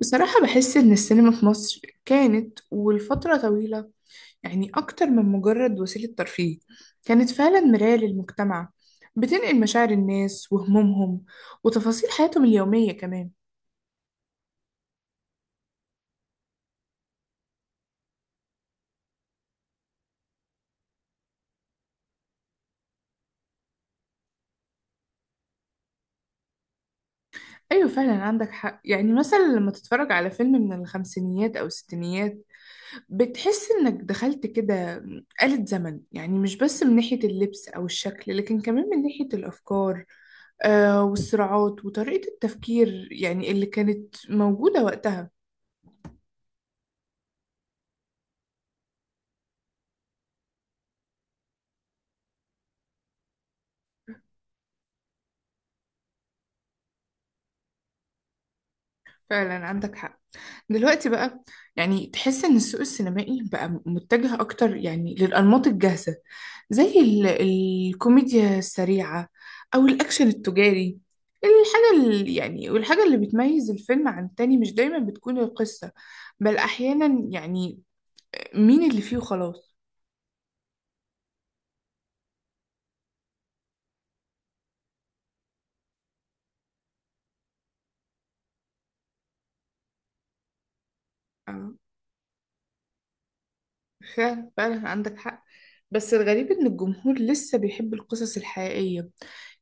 بصراحة بحس إن السينما في مصر كانت ولفترة طويلة يعني أكتر من مجرد وسيلة ترفيه. كانت فعلا مراية للمجتمع، بتنقل مشاعر الناس وهمومهم وتفاصيل حياتهم اليومية كمان. أيوة، فعلا عندك حق. يعني مثلا لما تتفرج على فيلم من الخمسينيات أو الستينيات، بتحس إنك دخلت كده آلة زمن. يعني مش بس من ناحية اللبس أو الشكل، لكن كمان من ناحية الأفكار والصراعات وطريقة التفكير يعني اللي كانت موجودة وقتها. فعلا عندك حق. دلوقتي بقى، يعني تحس إن السوق السينمائي بقى متجه أكتر يعني للأنماط الجاهزة، زي الكوميديا السريعة أو الأكشن التجاري. الحاجة اللي يعني والحاجة اللي بتميز الفيلم عن التاني مش دايما بتكون القصة، بل أحيانا يعني مين اللي فيه وخلاص. فعلا فعلا عندك حق. بس الغريب إن الجمهور لسه بيحب القصص الحقيقية،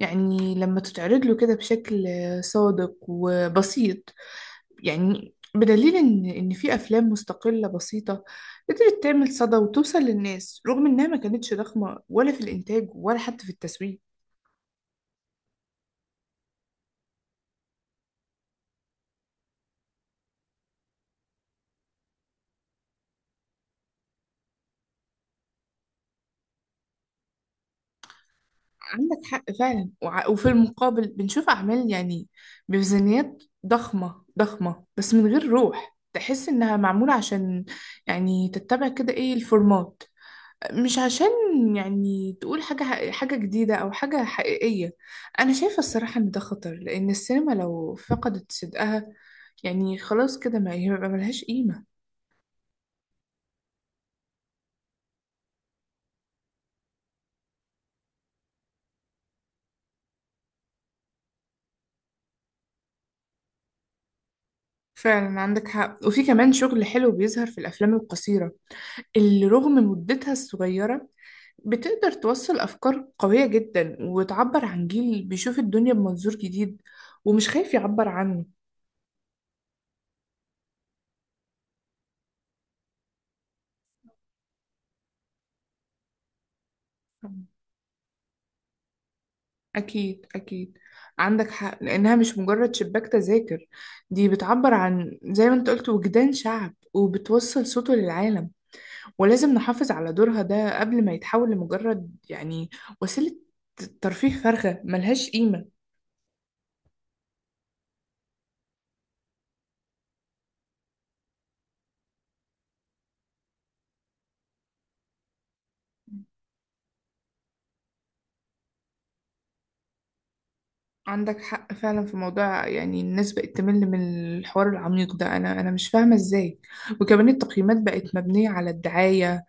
يعني لما تتعرض له كده بشكل صادق وبسيط. يعني بدليل إن في أفلام مستقلة بسيطة قدرت تعمل صدى وتوصل للناس رغم إنها ما كانتش ضخمة ولا في الإنتاج ولا حتى في التسويق. عندك حق فعلا. وفي المقابل بنشوف أعمال يعني بميزانيات ضخمة ضخمة، بس من غير روح. تحس إنها معمولة عشان يعني تتبع كده إيه الفورمات، مش عشان يعني تقول حاجة حاجة جديدة أو حاجة حقيقية. أنا شايفة الصراحة إن ده خطر، لأن السينما لو فقدت صدقها يعني خلاص كده ما يبقى ملهاش قيمة. فعلا عندك حق. وفي كمان شغل حلو بيظهر في الأفلام القصيرة، اللي رغم مدتها الصغيرة بتقدر توصل أفكار قوية جدا وتعبر عن جيل بيشوف الدنيا بمنظور جديد، ومش خايف يعبر عنه. أكيد أكيد، عندك حق. لأنها مش مجرد شباك تذاكر، دي بتعبر عن زي ما أنت قلت وجدان شعب، وبتوصل صوته للعالم. ولازم نحافظ على دورها ده قبل ما يتحول لمجرد يعني وسيلة ترفيه فارغة ملهاش قيمة. عندك حق فعلا في موضوع. يعني الناس بقت تمل من الحوار العميق ده، انا مش فاهمه ازاي. وكمان التقييمات بقت مبنيه على الدعايه،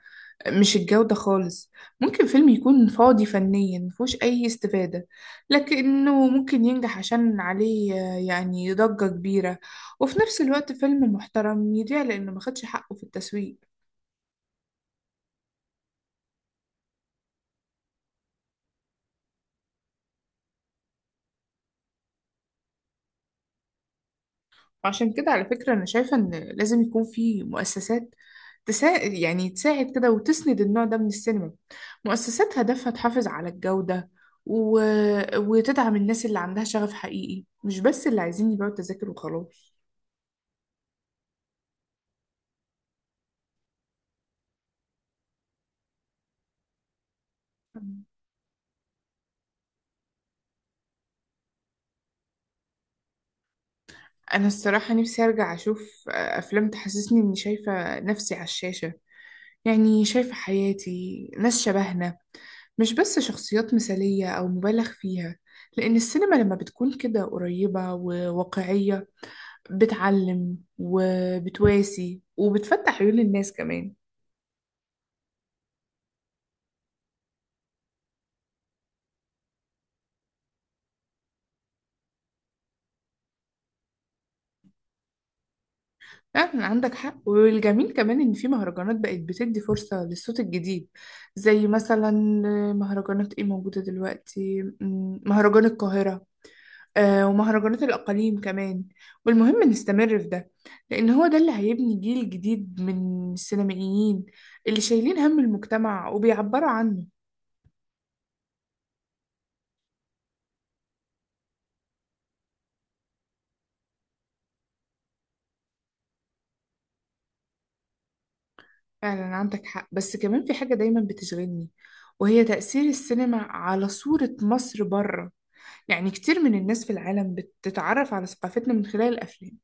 مش الجوده خالص. ممكن فيلم يكون فاضي فنيا، مفيهوش اي استفاده، لكنه ممكن ينجح عشان عليه يعني ضجه كبيره. وفي نفس الوقت فيلم محترم يضيع لانه ما خدش حقه في التسويق. عشان كده على فكرة أنا شايفة إن لازم يكون في مؤسسات يعني تساعد كده وتسند النوع ده من السينما. مؤسسات هدفها تحافظ على الجودة، و... وتدعم الناس اللي عندها شغف حقيقي، مش بس اللي عايزين يبيعوا التذاكر وخلاص. أنا الصراحة نفسي أرجع أشوف أفلام تحسسني إني شايفة نفسي على الشاشة، يعني شايفة حياتي، ناس شبهنا، مش بس شخصيات مثالية أو مبالغ فيها. لأن السينما لما بتكون كده قريبة وواقعية، بتعلم وبتواسي وبتفتح عيون الناس كمان. فعلا عندك حق. والجميل كمان إن في مهرجانات بقت بتدي فرصة للصوت الجديد، زي مثلا مهرجانات إيه موجودة دلوقتي، مهرجان القاهرة، ومهرجانات الأقاليم كمان. والمهم نستمر في ده، لأن هو ده اللي هيبني جيل جديد من السينمائيين اللي شايلين هم المجتمع وبيعبروا عنه. فعلا عندك حق. بس كمان في حاجة دايما بتشغلني، وهي تأثير السينما على صورة مصر بره. يعني كتير من الناس في العالم بتتعرف على ثقافتنا من خلال الأفلام،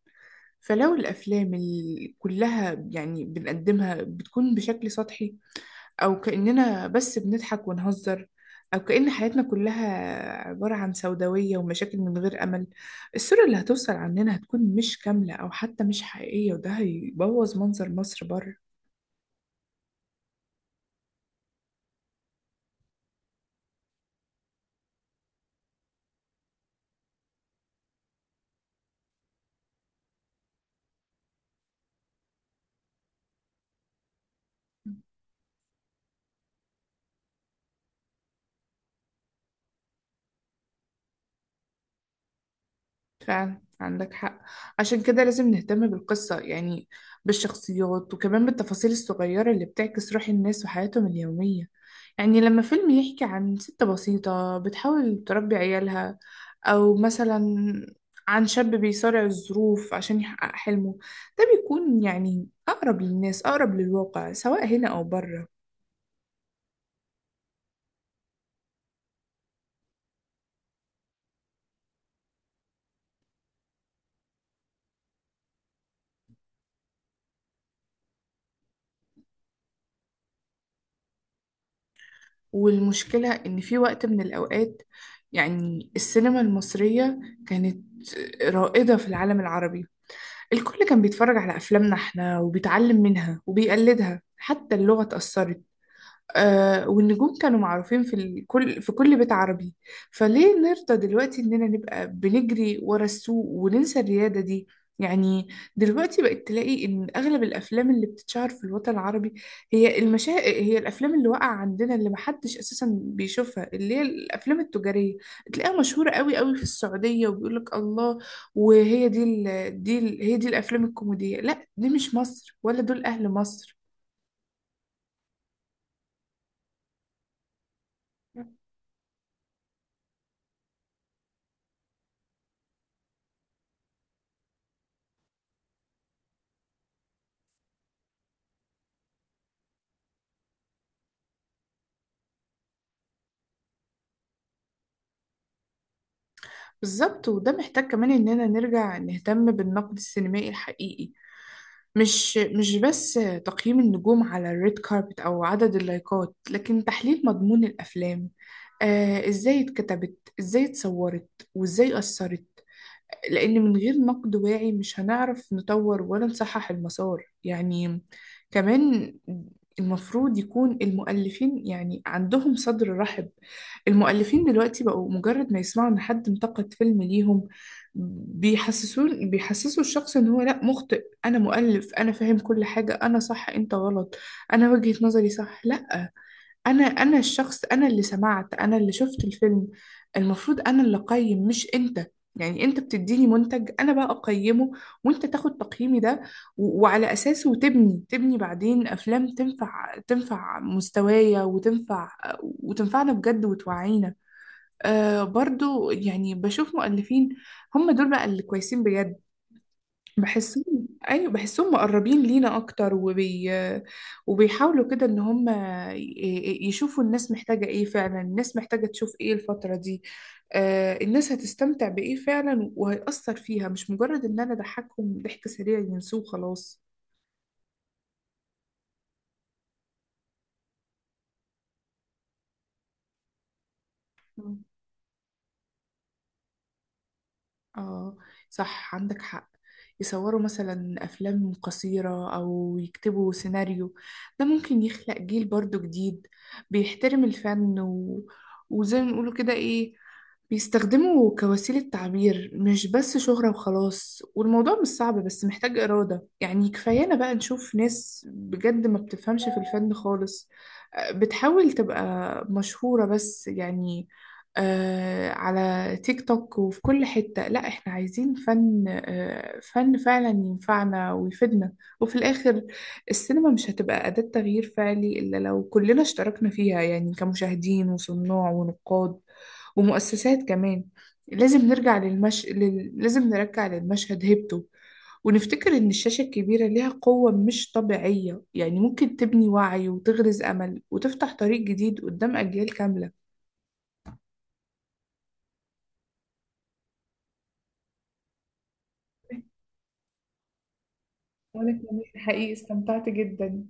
فلو الأفلام كلها يعني بنقدمها بتكون بشكل سطحي، أو كأننا بس بنضحك ونهزر، أو كأن حياتنا كلها عبارة عن سوداوية ومشاكل من غير أمل، الصورة اللي هتوصل عننا هتكون مش كاملة أو حتى مش حقيقية، وده هيبوظ منظر مصر بره. فعلا عندك حق. عشان كده لازم نهتم بالقصة، يعني بالشخصيات وكمان بالتفاصيل الصغيرة اللي بتعكس روح الناس وحياتهم اليومية. يعني لما فيلم يحكي عن ست بسيطة بتحاول تربي عيالها، أو مثلا عن شاب بيصارع الظروف عشان يحقق حلمه، ده بيكون يعني أقرب للناس، أقرب للواقع، سواء هنا أو بره. والمشكلة إن في وقت من الأوقات يعني السينما المصرية كانت رائدة في العالم العربي. الكل كان بيتفرج على أفلامنا احنا وبيتعلم منها وبيقلدها، حتى اللغة اتأثرت. والنجوم كانوا معروفين في كل في كل بيت عربي. فليه نرضى دلوقتي إننا نبقى بنجري ورا السوق وننسى الريادة دي؟ يعني دلوقتي بقت تلاقي إن أغلب الأفلام اللي بتتشهر في الوطن العربي، هي هي الأفلام اللي واقعة عندنا، اللي محدش أساسا بيشوفها، اللي هي الأفلام التجارية. تلاقيها مشهورة قوي قوي في السعودية وبيقولك الله. وهي دي هي دي الأفلام الكوميدية. لا، دي مش مصر، ولا دول أهل مصر. بالظبط. وده محتاج كمان إننا نرجع نهتم بالنقد السينمائي الحقيقي، مش بس تقييم النجوم على الريد كاربت أو عدد اللايكات، لكن تحليل مضمون الأفلام. إزاي اتكتبت، إزاي اتصورت، وإزاي أثرت. لأن من غير نقد واعي مش هنعرف نطور ولا نصحح المسار. يعني كمان المفروض يكون المؤلفين يعني عندهم صدر رحب. المؤلفين دلوقتي بقوا مجرد ما يسمعوا إن حد انتقد فيلم ليهم، بيحسسوا الشخص إن هو لأ مخطئ، أنا مؤلف، أنا فاهم كل حاجة، أنا صح أنت غلط، أنا وجهة نظري صح. لأ، انا الشخص، انا اللي سمعت، انا اللي شفت الفيلم، المفروض انا اللي اقيم مش انت. يعني انت بتديني منتج، انا بقى اقيمه، وانت تاخد تقييمي ده، وعلى اساسه تبني بعدين افلام تنفع مستوايا وتنفع وتنفعنا بجد وتوعينا. برضو يعني بشوف مؤلفين هم دول بقى اللي كويسين بجد، بحسهم، ايوه بحسهم مقربين لينا اكتر، وبيحاولوا كده ان هم يشوفوا الناس محتاجة ايه فعلا، الناس محتاجة تشوف ايه الفترة دي. الناس هتستمتع بايه فعلا وهيأثر فيها، مش مجرد ان انا اضحكهم ضحك سريع ينسوه وخلاص. مم. اه، صح، عندك حق. يصوروا مثلا افلام قصيرة او يكتبوا سيناريو، ده ممكن يخلق جيل برضو جديد بيحترم الفن، وزي ما بيقولوا كده ايه، بيستخدمه كوسيلة تعبير مش بس شهرة وخلاص. والموضوع مش صعب بس محتاج إرادة. يعني كفايانا بقى نشوف ناس بجد ما بتفهمش في الفن خالص، بتحاول تبقى مشهورة بس يعني على تيك توك وفي كل حتة. لا، احنا عايزين فن، فن فعلا ينفعنا ويفيدنا. وفي الآخر، السينما مش هتبقى أداة تغيير فعلي إلا لو كلنا اشتركنا فيها، يعني كمشاهدين وصناع ونقاد ومؤسسات كمان. لازم نرجع للمشهد هيبته. ونفتكر إن الشاشة الكبيرة ليها قوة مش طبيعية، يعني ممكن تبني وعي وتغرز أمل وتفتح طريق جديد قدام أجيال كاملة. وأنا كمان حقيقي استمتعت جدا.